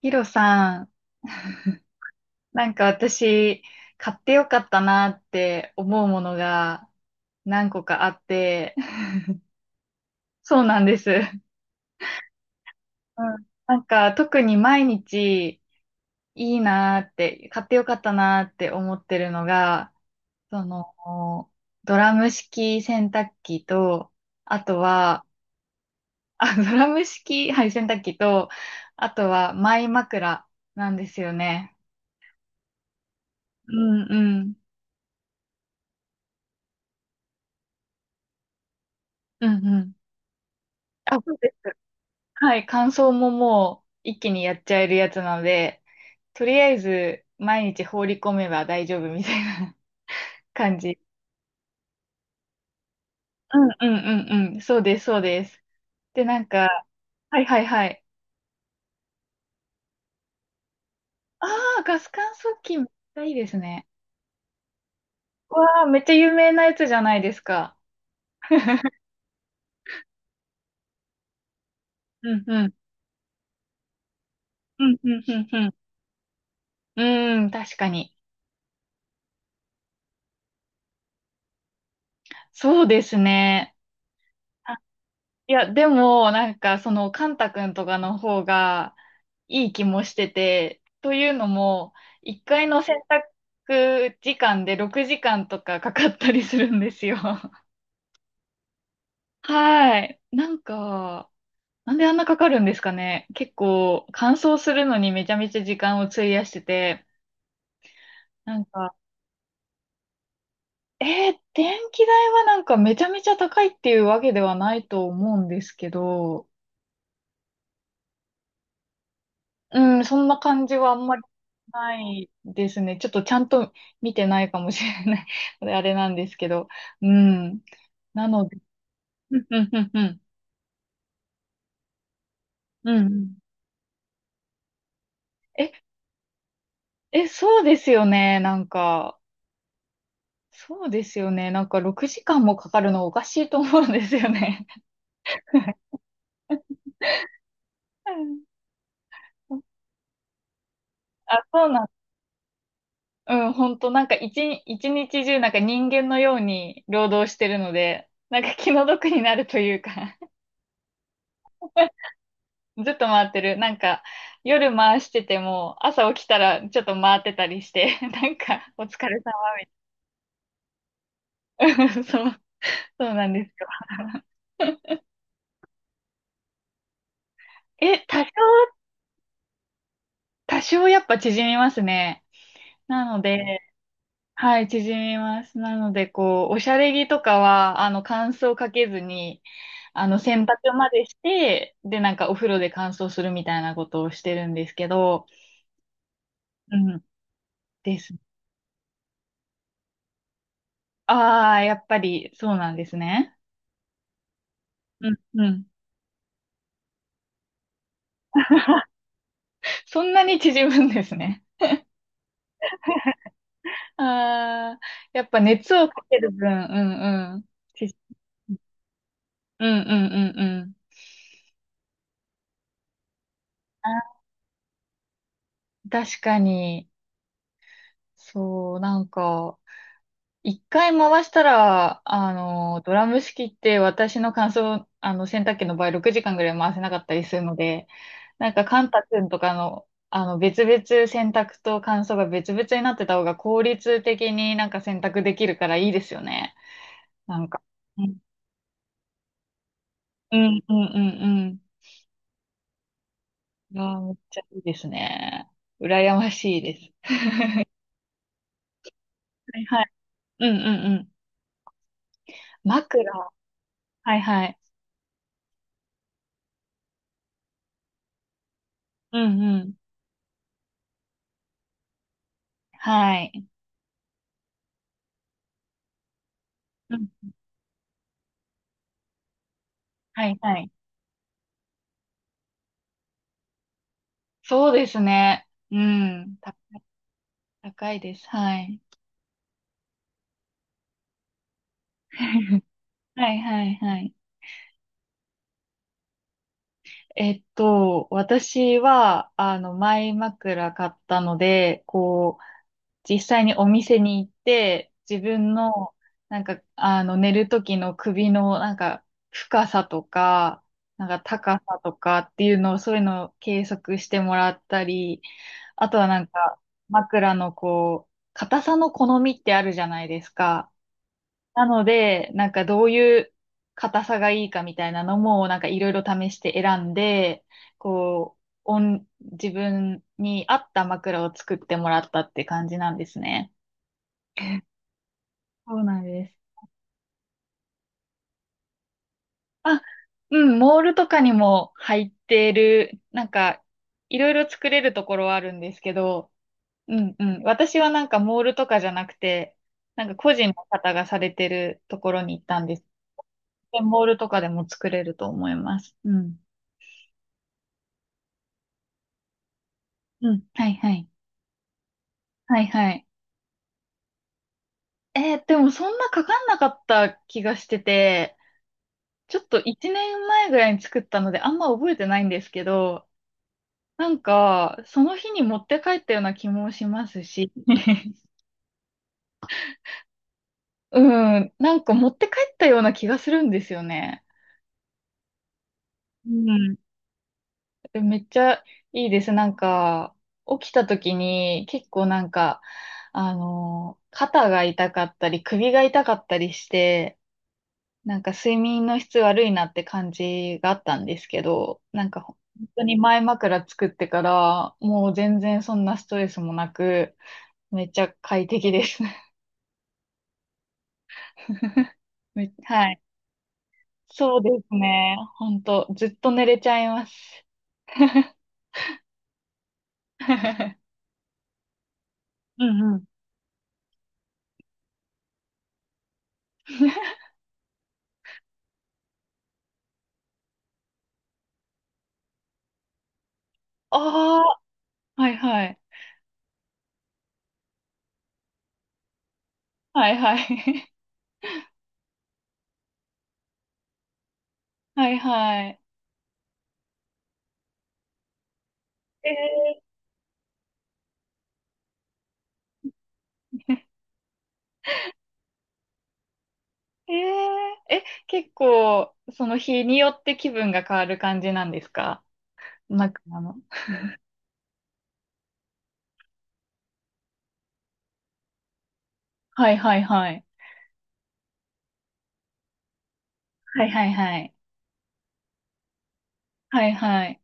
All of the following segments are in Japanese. ヒロさん、なんか私、買ってよかったなって思うものが何個かあって、そうなんです。うんなんか特に毎日いいなって、買ってよかったなって思ってるのが、その、ドラム式洗濯機と、あとは、あ、ドラム式、はい、洗濯機と、あとはマイ枕なんですよね。うんうん。うんうん。あ、そうです。はい、乾燥ももう一気にやっちゃえるやつなので、とりあえず毎日放り込めば大丈夫みたいな 感じ。うんうんうんうん。そうです、そうです。で、なんか、はいはいはい。ああ、ガス乾燥機めっちゃいいですね。わあ、めっちゃ有名なやつじゃないですか。うんうん。うんうんうんうん。うーん、確かに。そうですね。あ、いや、でも、なんか、その、カンタ君とかの方が、いい気もしてて、というのも、1回の洗濯時間で6時間とかかかったりするんですよ。はい。なんか、なんであんなかかるんですかね。結構、乾燥するのにめちゃめちゃ時間を費やしてて、なんか、電気代はなんかめちゃめちゃ高いっていうわけではないと思うんですけど、うん、そんな感じはあんまりないですね。ちょっとちゃんと見てないかもしれない あれなんですけど。うん。なので、うんうんうんうん。うんうんえ、え、そうですよね。なんか、そうですよね。なんか6時間もかかるのおかしいと思うんですよね。うん。あ、そうなん。うん、本当なんか一日中なんか人間のように労働してるので、なんか気の毒になるというかずっと回ってる。なんか、夜回してても、朝起きたらちょっと回ってたりして、なんか、お疲れ様みたいな。そう、そうなんですよ。え、多少やっぱ縮みますね。なので、はい、縮みます。なので、こう、おしゃれ着とかは、あの、乾燥かけずに、あの、洗濯までして、で、なんかお風呂で乾燥するみたいなことをしてるんですけど、うん、です。ああ、やっぱりそうなんですね。うん、うん。そんなに縮むんですね。ああ、やっぱ熱をかける分、うんうん。ちうんうんうんうん。あ、確かに、そう、なんか、一回回したら、あの、ドラム式って私の乾燥、あの、洗濯機の場合6時間ぐらい回せなかったりするので、なんか、カンタ君とかの、あの、別々洗濯と乾燥が別々になってた方が効率的になんか洗濯できるからいいですよね。なんか。うんうんうんうんうん。ああ、めっちゃいいですね。羨ましいです。はいはい。うんうんうん。枕。はいはい。うんうん。はい。うん。はいはい。そうですね。うん。高い、高いです。はい。はいはいはい。えっと、私は、あの、前枕買ったので、こう、実際にお店に行って、自分の、なんか、あの、寝る時の首の、なんか、深さとか、なんか、高さとかっていうのを、そういうのを計測してもらったり、あとはなんか、枕のこう、硬さの好みってあるじゃないですか。なので、なんかどういう硬さがいいかみたいなのも、なんかいろいろ試して選んで、こう、自分に合った枕を作ってもらったって感じなんですね。そうなんです。あ、うん、モールとかにも入ってる、なんか、いろいろ作れるところはあるんですけど、うんうん。私はなんかモールとかじゃなくて、なんか個人の方がされてるところに行ったんです。で、モールとかでも作れると思います。うん。うん。はいはい。はいはい。でもそんなかかんなかった気がしてて、ちょっと1年前ぐらいに作ったのであんま覚えてないんですけど、なんか、その日に持って帰ったような気もしますし、うん、なんか持って帰ったような気がするんですよね。うん。めっちゃいいです。なんか、起きた時に結構なんか、あの、肩が痛かったり、首が痛かったりして、なんか睡眠の質悪いなって感じがあったんですけど、なんか本当に前枕作ってから、もう全然そんなストレスもなく、めっちゃ快適です。はい。そうですね。本当ずっと寝れちゃいます。うんうん。ああ、はいはい。はいはい。はいはい。えー、結構、その日によって気分が変わる感じなんですか？枕の。はいはいはい。はいはいはい。はいはい。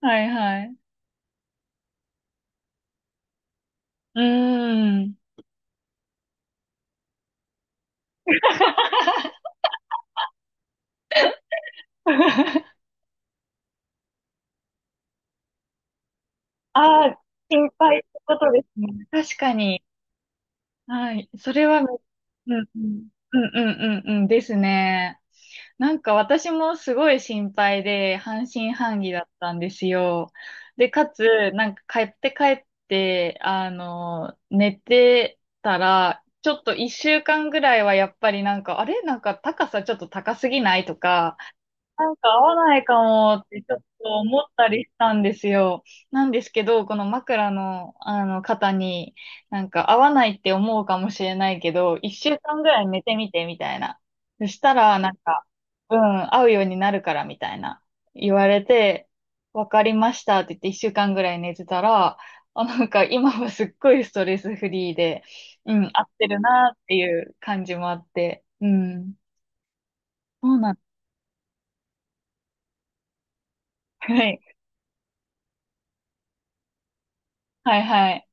はいはい。うーん。ああ、心配ってことですね。確かに。はい。それは、うんうん。うんうんうんうんですね。なんか私もすごい心配で半信半疑だったんですよ。で、かつ、なんか帰って、あの、寝てたら、ちょっと一週間ぐらいはやっぱりなんか、あれなんか高さちょっと高すぎないとか、なんか合わないかもってちょっと思ったりしたんですよ。なんですけど、この枕の、あの方に、なんか合わないって思うかもしれないけど、一週間ぐらい寝てみてみたいな。そしたら、なんか、うん、合うようになるからみたいな言われて、わかりましたって言って一週間ぐらい寝てたら、あ、なんか今はすっごいストレスフリーで、うん、合ってるなっていう感じもあって、うん、そうなん、はい、はいはい。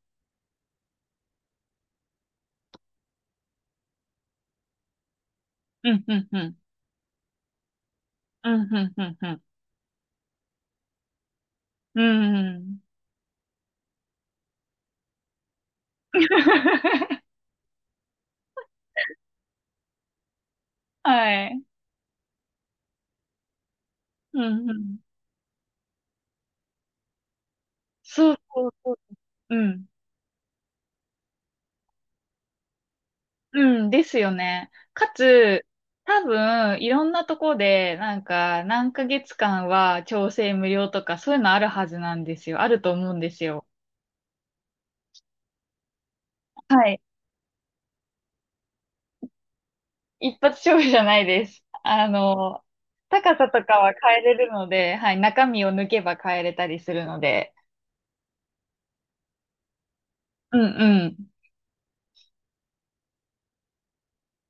うん、うん、うん。うん、うん、うん、うん。うん。はい。うん、うん。そうそうそう。うん。うん、ですよね。かつ、多分、いろんなとこで、なんか、何ヶ月間は調整無料とか、そういうのあるはずなんですよ。あると思うんですよ。はい。一発勝負じゃないです。あの、高さとかは変えれるので、はい。中身を抜けば変えれたりするので。うんうん。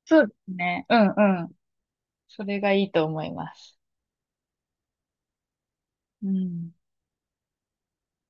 そうですね。うんうん。それがいいと思います。うん。